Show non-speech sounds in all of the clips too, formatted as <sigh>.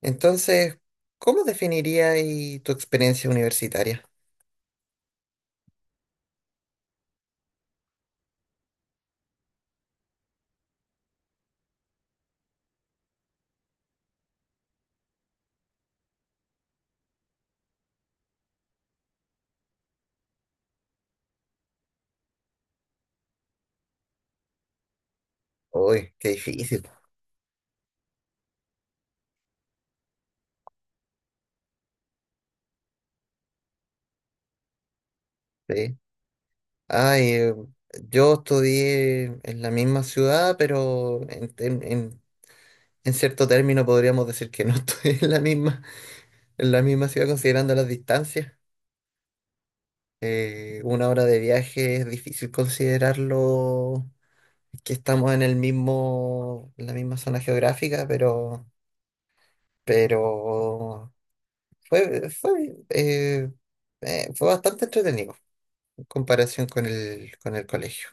Entonces, ¿cómo definirías tu experiencia universitaria? Uy, qué difícil. Sí. Ay, yo estudié en la misma ciudad, pero en cierto término podríamos decir que no <laughs> estudié en la misma ciudad considerando las distancias. Una hora de viaje es difícil considerarlo que estamos en el mismo, en la misma zona geográfica, pero, pero Fue, fue, eh, eh, fue bastante entretenido en comparación con el colegio.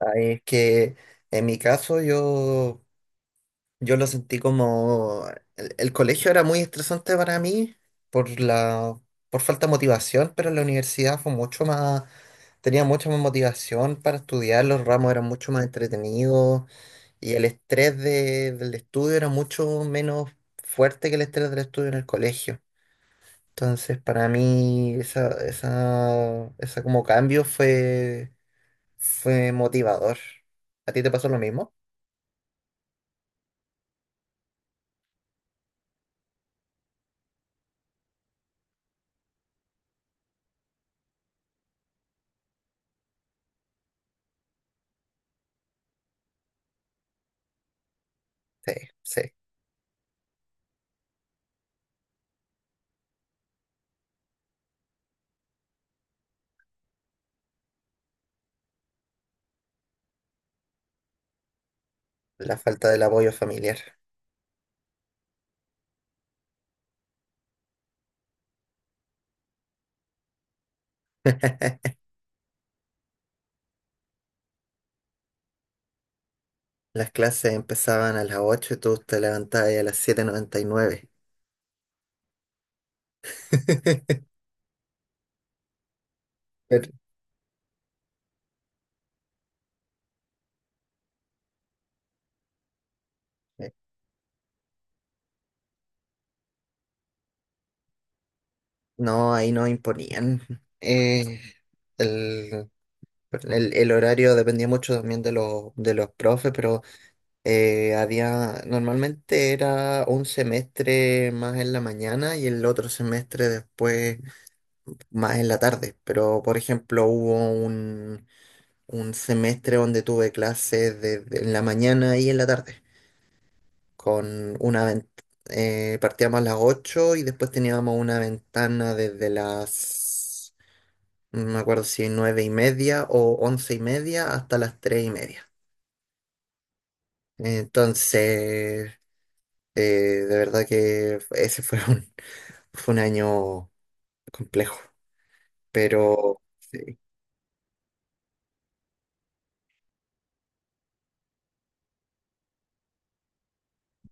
Ahí es que en mi caso yo, yo lo sentí como... El colegio era muy estresante para mí, por la, por falta de motivación, pero la universidad fue mucho más... Tenía mucha más motivación para estudiar, los ramos eran mucho más entretenidos y el estrés del estudio era mucho menos fuerte que el estrés del estudio en el colegio. Entonces, para mí, esa como cambio fue motivador. ¿A ti te pasó lo mismo? Sí, sí. La falta del apoyo familiar. <laughs> Las clases empezaban a las 8 y tú te levantabas ahí a las 7.99. <laughs> Pero, eh, no, ahí no imponían. Eh, el, el horario dependía mucho también de los profes. Pero había, normalmente era un semestre más en la mañana y el otro semestre después más en la tarde. Pero, por ejemplo, hubo un semestre donde tuve clases desde en la mañana y en la tarde. Con una vent- partíamos a las 8 y después teníamos una ventana desde las, no me acuerdo si 9:30 o 11:30, hasta las 3:30. Entonces. Eh, de verdad que ese fue <laughs> fue un año complejo, pero sí.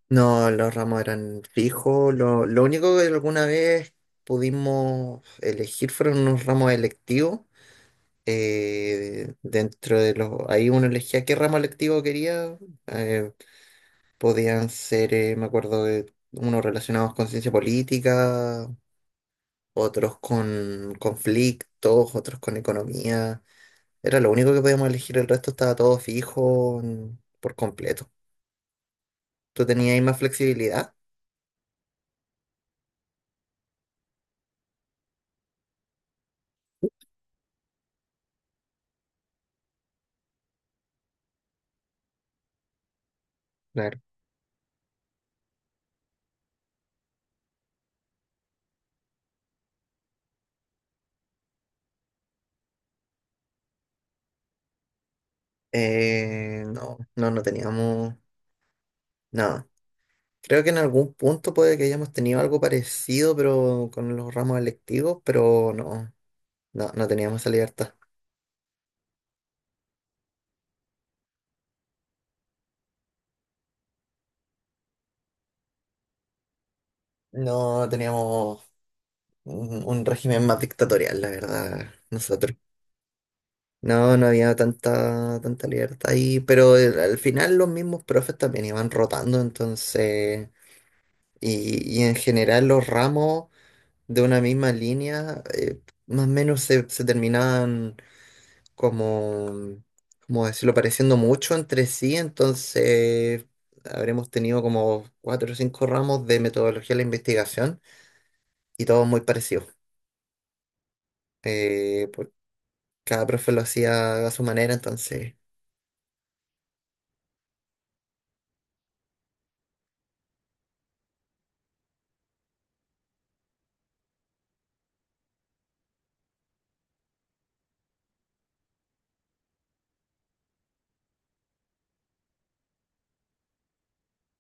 No, los ramos eran fijos. Lo único que alguna vez pudimos elegir fueron unos ramos electivos. Ahí uno elegía qué ramo electivo quería. eh, podían ser, me acuerdo, de unos relacionados con ciencia política, otros con conflictos, otros con economía. Era lo único que podíamos elegir, el resto estaba todo fijo, por completo. ¿Tú tenías ahí más flexibilidad? Claro. No, no, no teníamos nada. Creo que en algún punto puede que hayamos tenido algo parecido, pero con los ramos electivos, pero no, no, no teníamos esa libertad. No teníamos un régimen más dictatorial, la verdad, nosotros. No, no había tanta, tanta libertad ahí, pero al final los mismos profes también iban rotando. Entonces y en general los ramos de una misma línea, más o menos se terminaban, como, como decirlo, pareciendo mucho entre sí. Entonces habremos tenido como cuatro o cinco ramos de metodología de la investigación, y todos muy parecidos. Eh, por- cada profe lo hacía a su manera, entonces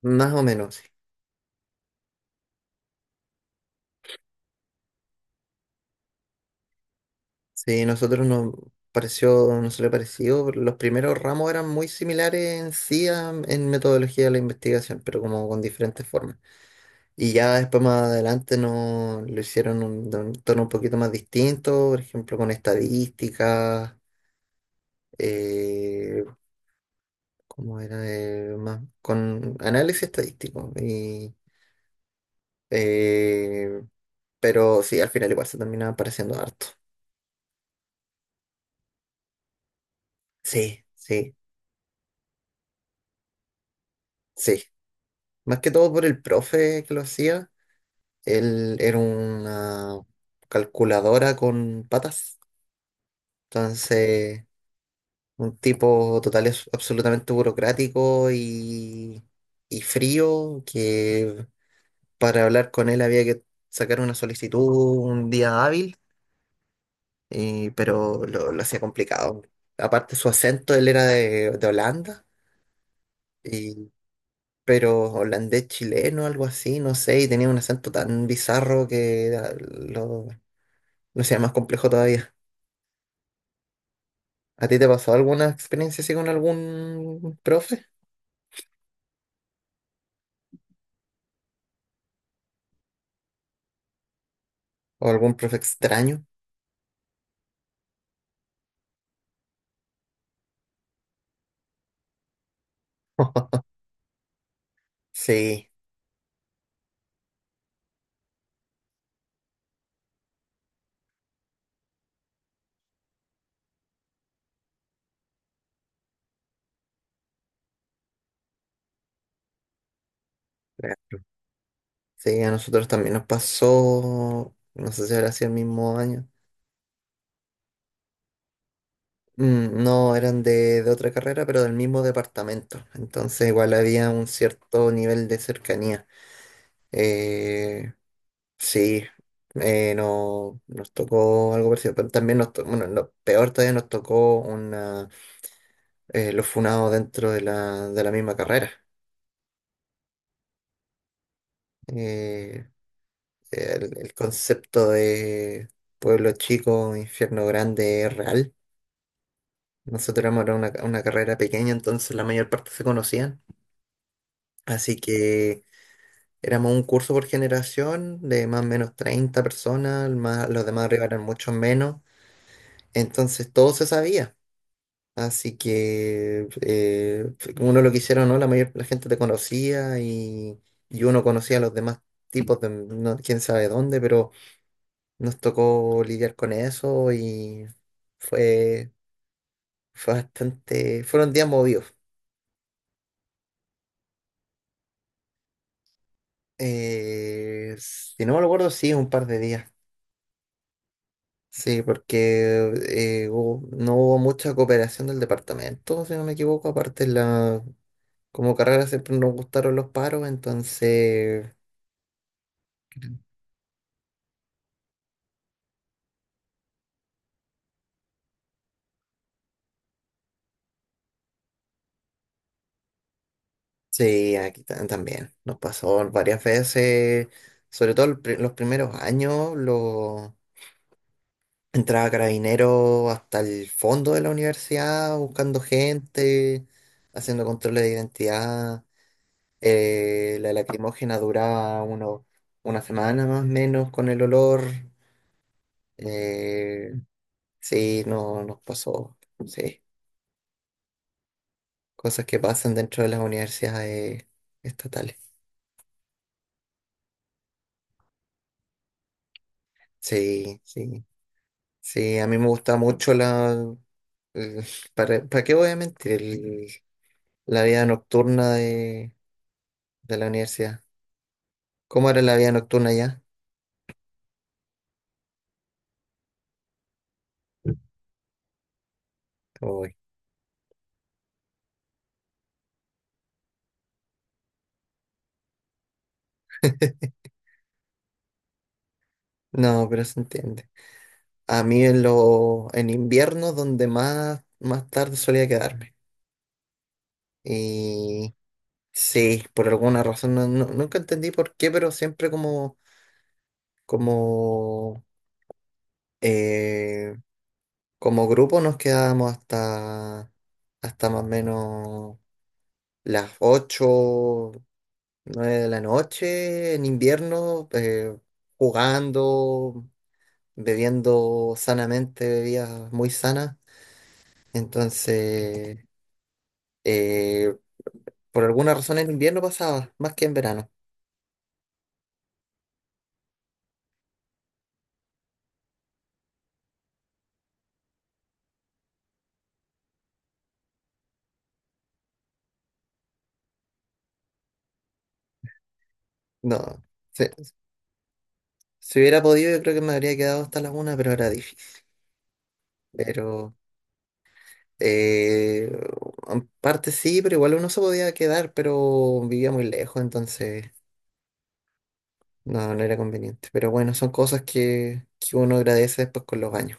más o menos. Sí. Sí, nosotros nos le pareció, los primeros ramos eran muy similares en sí, en metodología de la investigación, pero como con diferentes formas. Y ya después, más adelante, no, lo hicieron de un tono un poquito más distinto, por ejemplo con estadísticas. eh, ¿Cómo era? Más, con análisis estadístico. Y, eh, pero sí, al final igual se terminaba pareciendo harto. Sí, sí, sí. Más que todo por el profe que lo hacía. Él era una calculadora con patas. Entonces, un tipo total, absolutamente burocrático y frío, que para hablar con él había que sacar una solicitud un día hábil, pero lo hacía complicado. Aparte, su acento, él era de Holanda, y, pero holandés chileno, algo así, no sé, y tenía un acento tan bizarro que lo hacía más complejo todavía. ¿A ti te pasó alguna experiencia así con algún profe? ¿O algún profe extraño? <laughs> Sí, claro. Sí, a nosotros también nos pasó, no sé si habrá sido el mismo año. Mm, no, eran de otra carrera, pero del mismo departamento. Entonces igual había un cierto nivel de cercanía. Eh, sí, no, nos tocó algo parecido, pero también nos tocó, bueno, lo peor todavía nos tocó una, los funados dentro de la misma carrera. Eh, el concepto de pueblo chico, infierno grande es real. Nosotros éramos era una carrera pequeña, entonces la mayor parte se conocían. Así que éramos un curso por generación de más o menos 30 personas. Más, los demás arriba eran muchos menos. Entonces todo se sabía. Así que uno lo quisiera o no, la gente te conocía y uno conocía a los demás tipos de quién sabe dónde, pero nos tocó lidiar con eso, y fue, fue bastante, fueron días movidos. Si no me lo acuerdo, sí, un par de días. Sí, porque no hubo mucha cooperación del departamento, si no me equivoco. Aparte, como carrera siempre nos gustaron los paros. Entonces sí, aquí también nos pasó varias veces, sobre todo los primeros años. Los Entraba Carabinero hasta el fondo de la universidad buscando gente, haciendo controles de identidad. La lacrimógena duraba una semana más o menos con el olor. Eh, sí, no nos pasó. Sí, cosas que pasan dentro de las universidades estatales. Sí, sí. Sí, a mí me gusta mucho <laughs> ¿Para qué voy a mentir? La vida nocturna de la universidad. ¿Cómo era la vida nocturna ya? Uy. <laughs> No, pero se entiende. A mí en invierno donde más, más tarde solía quedarme. Y sí, por alguna razón, nunca entendí por qué, pero siempre como, eh, como grupo nos quedábamos hasta, hasta más o menos las 8, 9 de la noche en invierno, jugando, bebiendo sanamente, bebidas muy sanas. Entonces, eh, por alguna razón en invierno pasaba más que en verano. No, si, si hubiera podido, yo creo que me habría quedado hasta la 1, pero era difícil. Pero, eh, en parte sí, pero igual uno se podía quedar, pero vivía muy lejos, entonces no era conveniente. Pero bueno, son cosas que uno agradece después con los años.